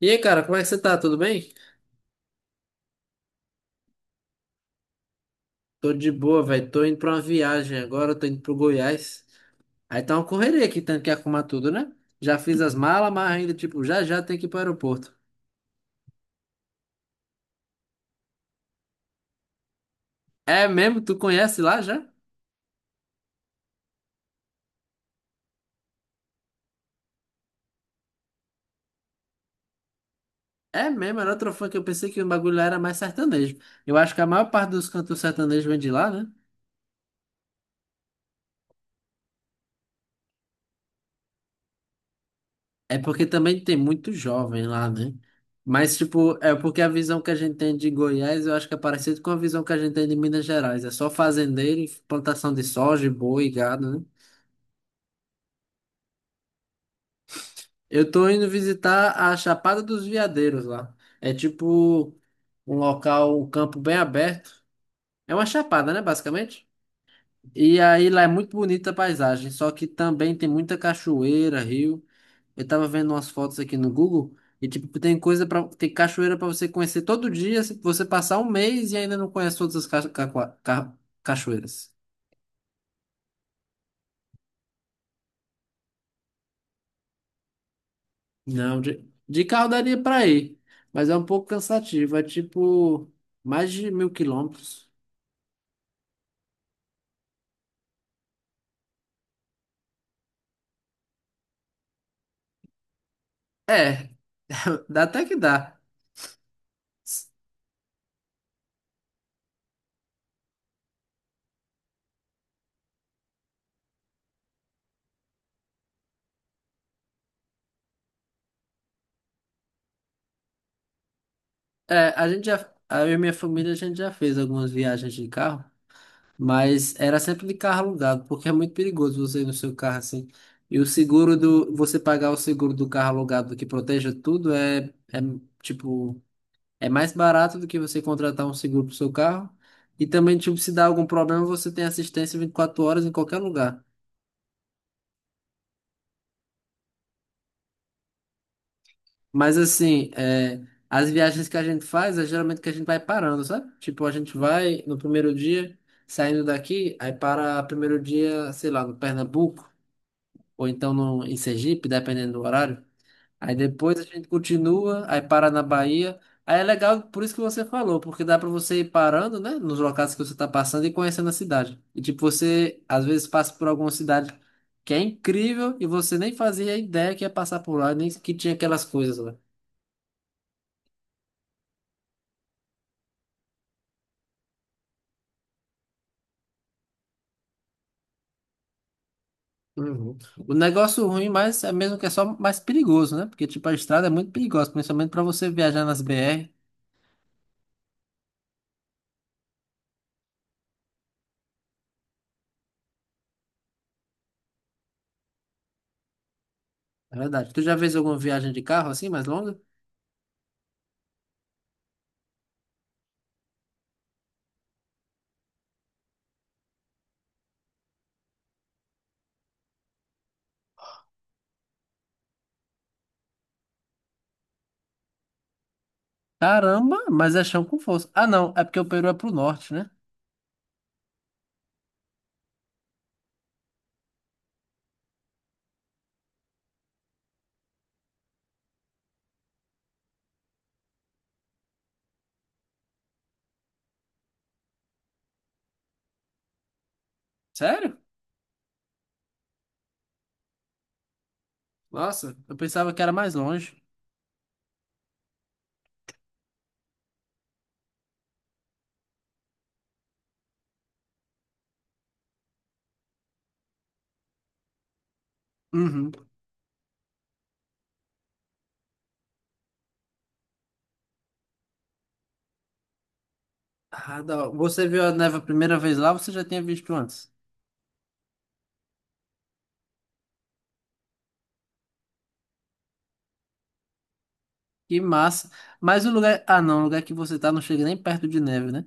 E aí, cara, como é que você tá? Tudo bem? Tô de boa, velho. Tô indo pra uma viagem agora, tô indo pro Goiás. Aí tá uma correria aqui, tendo que arrumar tudo, né? Já fiz as malas, mas ainda, tipo, já já tem que ir pro aeroporto. É mesmo? Tu conhece lá já? É mesmo, era outro fã que eu pensei que o bagulho lá era mais sertanejo. Eu acho que a maior parte dos cantos sertanejos vem de lá, né? É porque também tem muito jovem lá, né? Mas, tipo, é porque a visão que a gente tem de Goiás, eu acho que é parecido com a visão que a gente tem de Minas Gerais. É só fazendeiro, e plantação de soja, boi, gado, né? Eu tô indo visitar a Chapada dos Veadeiros lá. É tipo um local, um campo bem aberto. É uma chapada, né, basicamente? E aí lá é muito bonita a paisagem, só que também tem muita cachoeira, rio. Eu tava vendo umas fotos aqui no Google e tipo tem coisa para tem cachoeira pra você conhecer todo dia, se você passar um mês e ainda não conhece todas as cachoeiras. Não, de carro daria pra ir, mas é um pouco cansativo, é tipo mais de 1.000 quilômetros. É, dá até que dá. É, a gente já, eu e minha família, a gente já fez algumas viagens de carro, mas era sempre de carro alugado, porque é muito perigoso você ir no seu carro assim. E o seguro do, você pagar o seguro do carro alugado que proteja tudo é tipo, é mais barato do que você contratar um seguro pro seu carro. E também, tipo, se dá algum problema, você tem assistência 24 horas em qualquer lugar. Mas assim, é, as viagens que a gente faz é geralmente que a gente vai parando, sabe? Tipo, a gente vai no primeiro dia, saindo daqui, aí para primeiro dia, sei lá, no Pernambuco, ou então no, em Sergipe, dependendo do horário. Aí depois a gente continua, aí para na Bahia. Aí é legal, por isso que você falou, porque dá para você ir parando, né, nos locais que você tá passando e conhecendo a cidade. E tipo, você às vezes passa por alguma cidade que é incrível e você nem fazia ideia que ia passar por lá, nem que tinha aquelas coisas lá. Uhum. O negócio ruim, mas é mesmo que é só mais perigoso, né? Porque, tipo, a estrada é muito perigosa, principalmente pra você viajar nas BR. É verdade. Tu já fez alguma viagem de carro assim, mais longa? Caramba, mas é chão com força. Ah, não, é porque o Peru é pro norte, né? Sério? Nossa, eu pensava que era mais longe. Uhum. Ah, da hora. Você viu a neve a primeira vez lá, você já tinha visto antes. Que massa. Mas o lugar. Ah, não, o lugar que você tá não chega nem perto de neve, né?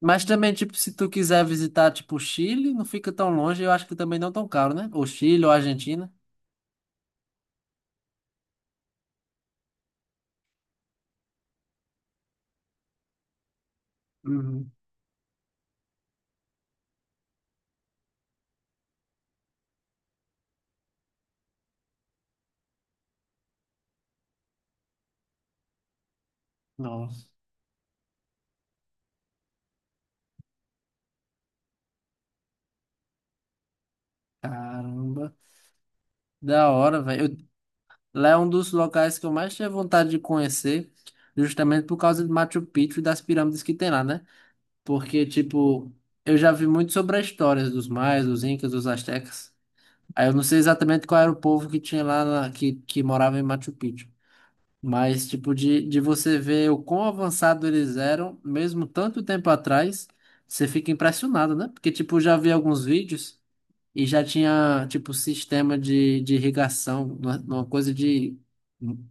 Mas também, tipo, se tu quiser visitar, tipo, o Chile, não fica tão longe, eu acho que também não tão caro, né? Ou Chile, ou Argentina. Uhum. Nossa, caramba. Da hora, velho. Lá é um dos locais que eu mais tinha vontade de conhecer, justamente por causa de Machu Picchu e das pirâmides que tem lá, né? Porque, tipo, eu já vi muito sobre a história dos maias, dos incas, dos astecas. Aí eu não sei exatamente qual era o povo que tinha lá, que morava em Machu Picchu. Mas, tipo, de você ver o quão avançado eles eram, mesmo tanto tempo atrás, você fica impressionado, né? Porque, tipo, já vi alguns vídeos e já tinha, tipo, sistema de irrigação, uma coisa de,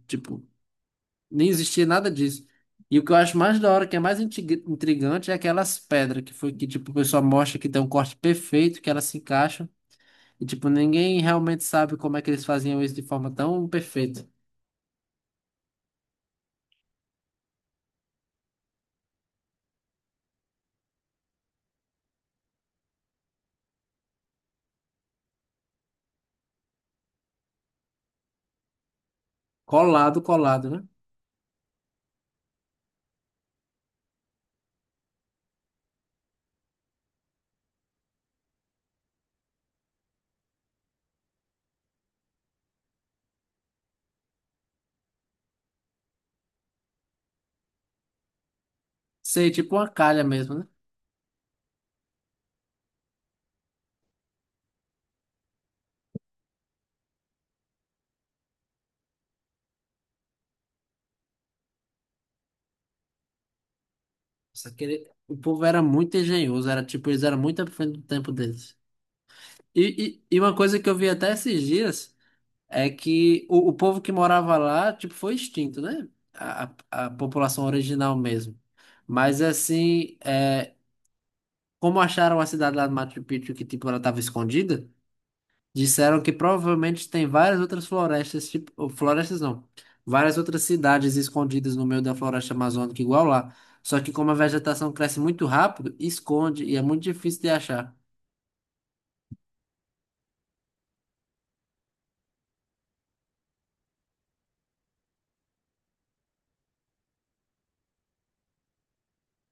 tipo, nem existia nada disso. E o que eu acho mais da hora, que é mais intrigante, é aquelas pedras que, tipo, o pessoal mostra que tem um corte perfeito, que elas se encaixam. E, tipo, ninguém realmente sabe como é que eles faziam isso de forma tão perfeita. Colado, colado, né? Sei, tipo uma calha mesmo, né? Só que o povo era muito engenhoso, era tipo, eles eram muito à frente do tempo deles. E uma coisa que eu vi até esses dias é que o povo que morava lá, tipo, foi extinto, né? A, a população original mesmo. Mas assim, é, como acharam a cidade lá do Machu Picchu que, tipo, ela estava escondida. Disseram que provavelmente tem várias outras florestas, tipo, ou florestas não, várias outras cidades escondidas no meio da floresta amazônica, igual lá. Só que como a vegetação cresce muito rápido, esconde e é muito difícil de achar.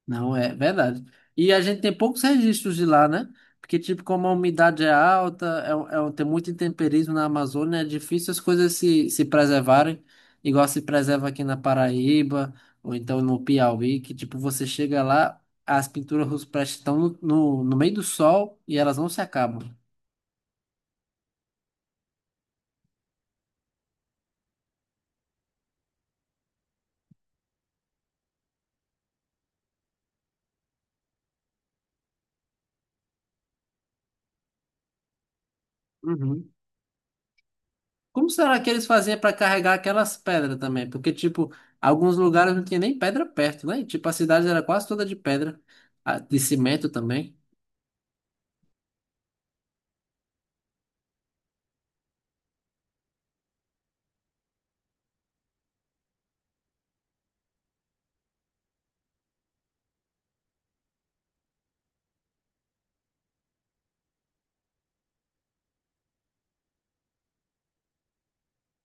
Não, é verdade. E a gente tem poucos registros de lá, né? Porque, tipo, como a umidade é alta, tem muito intemperismo na Amazônia, é difícil as coisas se preservarem, igual se preserva aqui na Paraíba, ou então no Piauí, que, tipo, você chega lá, as pinturas rupestres estão no meio do sol e elas não se acabam. Uhum. Como será que eles faziam para carregar aquelas pedras também? Porque, tipo, alguns lugares não tinha nem pedra perto, né? Tipo, a cidade era quase toda de pedra, ah, de cimento também.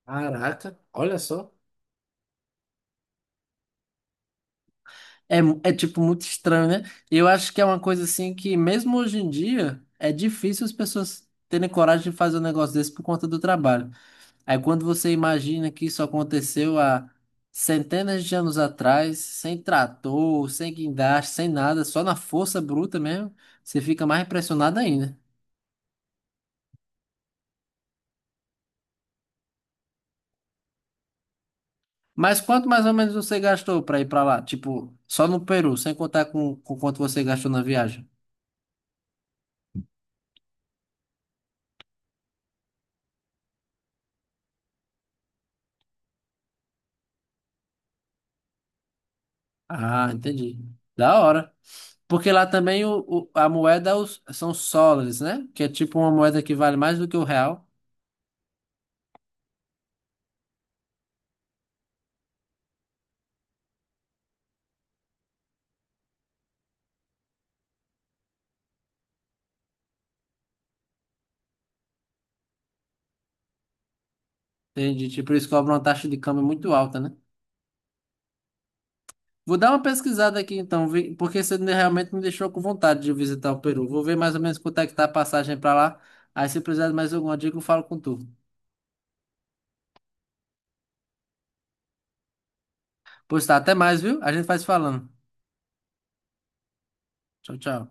Caraca, olha só. É, tipo, muito estranho, né? E eu acho que é uma coisa assim que, mesmo hoje em dia, é difícil as pessoas terem coragem de fazer um negócio desse por conta do trabalho. Aí quando você imagina que isso aconteceu há centenas de anos atrás, sem trator, sem guindaste, sem nada, só na força bruta mesmo, você fica mais impressionado ainda. Mas quanto mais ou menos você gastou para ir para lá? Tipo, só no Peru, sem contar com quanto você gastou na viagem. Ah, entendi. Da hora. Porque lá também a moeda são os soles, né? Que é tipo uma moeda que vale mais do que o real. Entendi. Tipo, eles cobram uma taxa de câmbio muito alta, né? Vou dar uma pesquisada aqui então, porque você realmente me deixou com vontade de visitar o Peru. Vou ver mais ou menos quanto é que tá a passagem pra lá. Aí se precisar de mais alguma dica, eu falo com tu. Pois tá, até mais, viu? A gente vai se falando. Tchau, tchau.